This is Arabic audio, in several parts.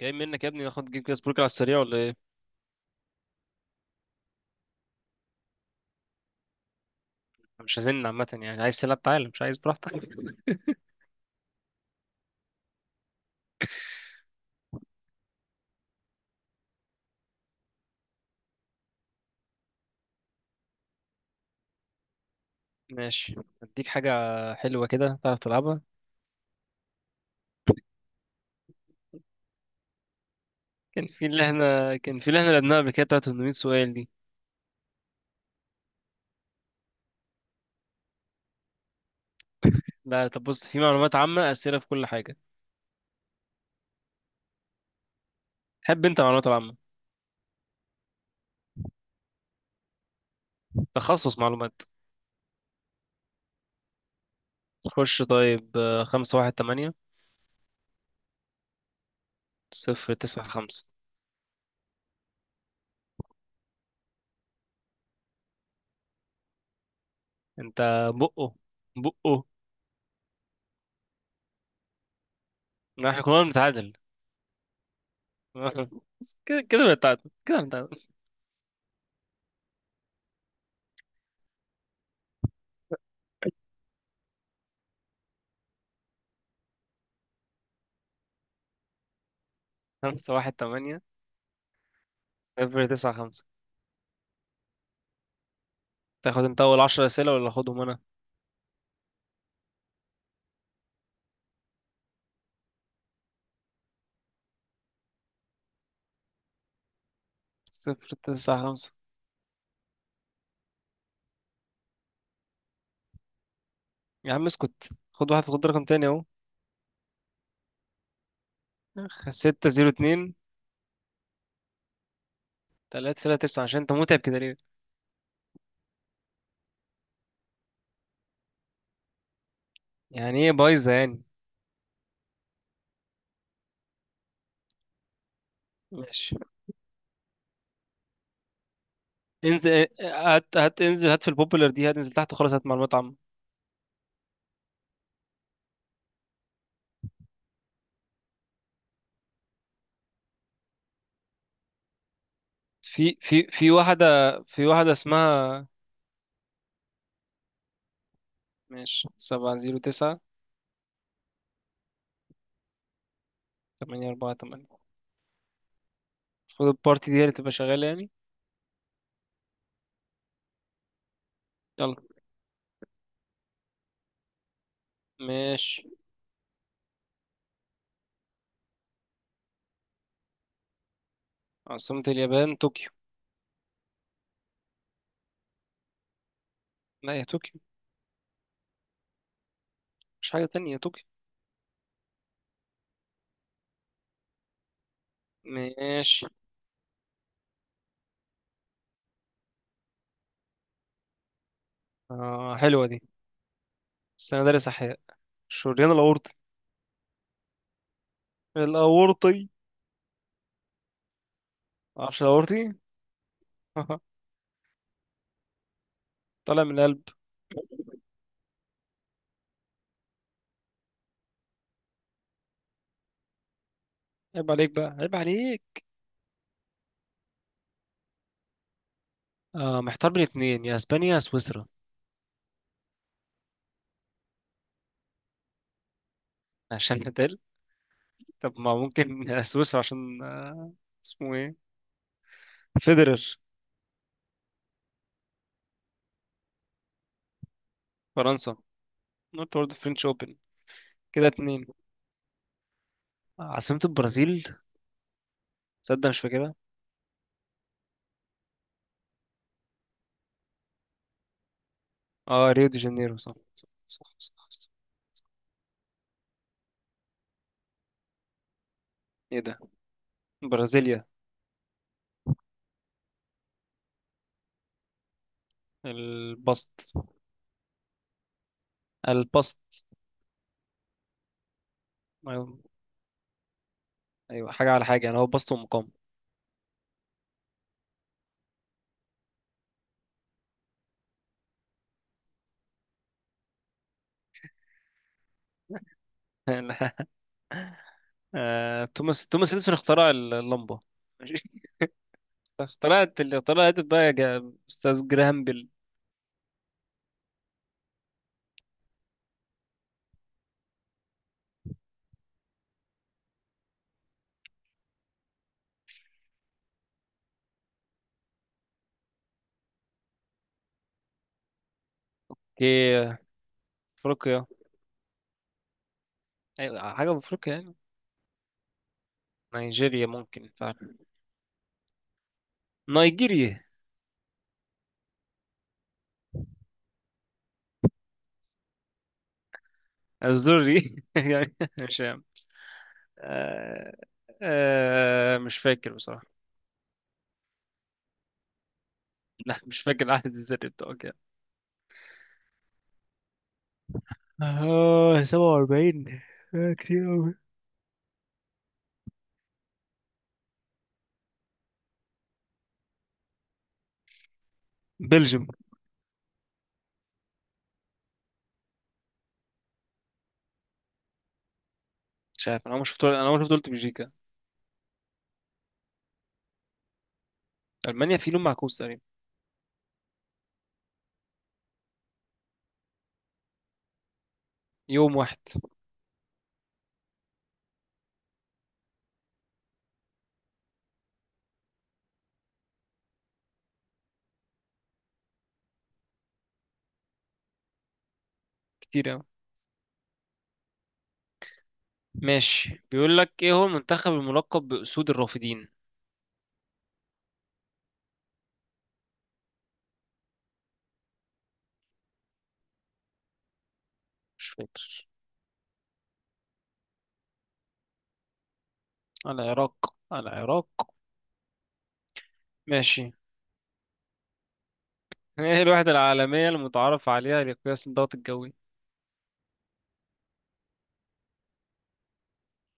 جاي منك يا ابني، ناخد جيب جاز برجر على السريع ولا ايه؟ مش هزن عامه، يعني عايز تلعب تعالى، مش عايز براحتك. ماشي. اديك حاجه حلوه كده تعرف تلعبها. كان في اللي احنا لعبناها قبل كده، بتاعت 800 سؤال دي. لا طب بص، في معلومات عامه، اسئله في كل حاجه. تحب انت معلومات العامه؟ تخصص معلومات. خش طيب. خمسة واحد تمانية، صفر تسعة خمسة. انت بقه بقه. احنا كنا بنتعادل. كده كده بنتعادل، كده بنتعادل. خمسة واحد تمانية، صفر تسعة خمسة. تاخد انت اول عشر اسئله ولا اخدهم انا؟ صفر تسعة خمسة. يا عم اسكت، خد واحد، خد رقم تاني اهو. أخ، ستة زيرو اتنين. تلاتة تلاتة تسعة. عشان انت متعب كده ليه؟ يعني ايه بايظه يعني؟ ماشي. انزل هات هات، انزل، هات في البوبولار دي، هتنزل تحت خلاص، هات معلومات عامة. في واحدة. في واحدة اسمها. ماشي سبعة زيرو تسعة، تمانية أربعة تمانية. المفروض البارتي دي هي اللي تبقى شغالة يعني. يلا. ماشي. عاصمة اليابان طوكيو. لا يا طوكيو، مش حاجة تانية يا طوكيو. ماشي. حلوة دي. بس أنا دارس أحياء. الشريان الأورطي. الأورطي. معرفش الأورطي. طالع من القلب. عيب عليك بقى، عيب عليك. محتار بين اتنين، يا أسبانيا يا سويسرا. عشان نتقل. طب ما ممكن سويسرا عشان. اسمه إيه؟ فيدرر. فرنسا. قلت برضه فرنش أوبن. كده اتنين. عاصمة البرازيل. تصدق مش فاكرها. اه، ريو دي جانيرو، صح صح صح، صح، صح. ايه ده؟ برازيليا. البسط. البسط. ايوه. أيوة، حاجة على حاجة يعني، هو بسط ومقام. لا. توماس اديسون اخترع اللمبه. ماشي. اخترعت اللي اخترعت بقى، استاذ جراهام بيل. في افريقيا. ايوه حاجه في افريقيا يعني. نيجيريا ممكن فعلا. نيجيريا. الزوري يعني. مش عارف. آه، مش فاكر بصراحه. لا مش فاكر العدد الذري بتاعه كام. اه، 47. كتير أوي. بلجيوم. مش عارف، انا ما شفت قلت بلجيكا. المانيا في لون معكوس تقريبا. يوم واحد. كتير أوي. ماشي. بيقول لك ايه هو المنتخب الملقب بأسود الرافدين. مش فاكر. العراق، العراق. ماشي. ايه الوحدة العالمية المتعارف عليها لقياس الضغط الجوي؟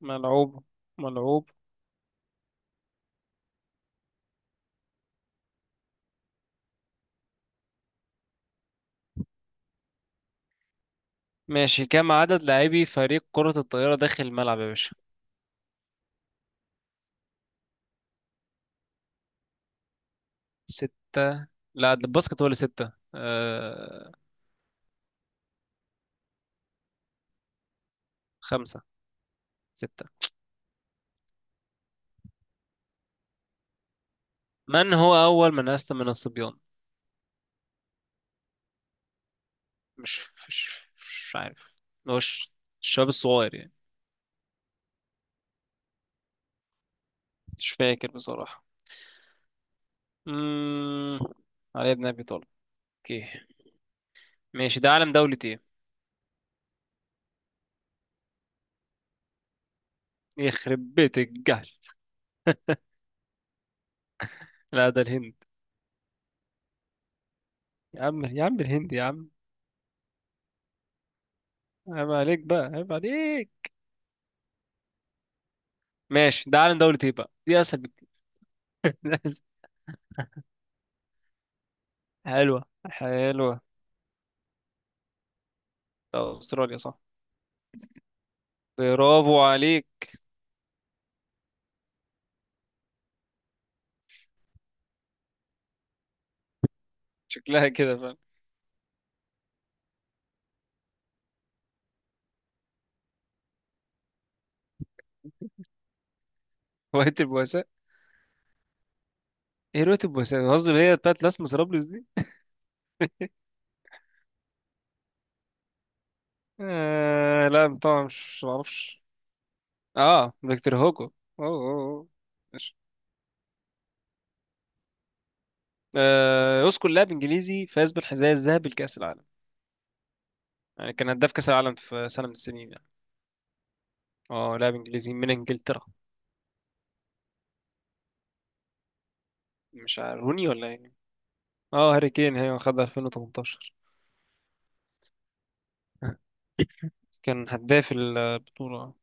ملعوب. ملعوب. ماشي، كم عدد لاعبي فريق كرة الطائرة داخل الملعب يا باشا؟ ستة. لا ده الباسكت هو اللي ستة خمسة. ستة. من هو أول من أسلم من الصبيان؟ مش مش مش عارف مش الشباب الصغير يعني. مش فاكر بصراحة. امم علي بن ابي طالب. اوكي. ماشي ده علم دولة ايه؟ يخرب بيت الجهل. لا ده الهند. يا عم يا عم الهند يا عم. عيب عليك بقى، عيب عليك. ماشي ده علم دولة ايه بقى؟ دي اسهل بكتير. حلوة حلوة. ده استراليا صح. برافو عليك. شكلها كده فعلا. هواية البؤساء. ايه هواية البؤساء؟ القصد اللي هي بتاعت لاس مسرابلس دي. آه لا طبعا مش معرفش. اه، فيكتور هوجو. اوه، أوه، أوه. يذكر لاعب انجليزي فاز بالحذاء الذهبي لكأس العالم. يعني كان هداف كأس العالم في سنة من السنين يعني. اه لاعب انجليزي من انجلترا. مش عارف روني ولا يعني. اه هاري كين، هي خدها 2018. كان هداف البطولة.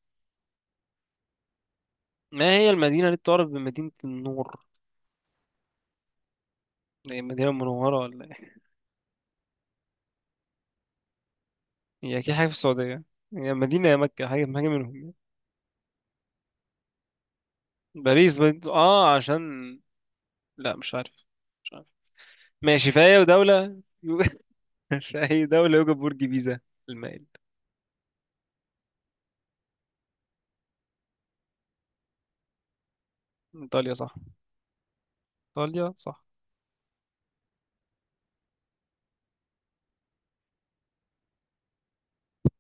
ما هي المدينة اللي تعرف بمدينة النور؟ هي المدينة المنورة ولا ايه؟ هي اكيد حاجة في السعودية. هي مدينة، يا مكة، حاجة حاجة منهم يعني. باريس بد... اه عشان. لا مش عارف. مش عارف. ماشي في أي دولة. في أي دولة يوجد برج بيزا المائل؟ إيطاليا صح. ايطاليا صح.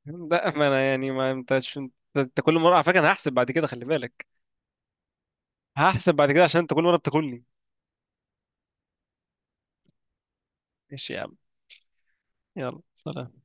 لا ما انا يعني، ما انت عشان. انت كل مره، على فكره انا هحسب بعد كده، خلي بالك. هحسب بعد كده عشان انت كل مره بتاكلني. ماشي يا عم، يلا سلام.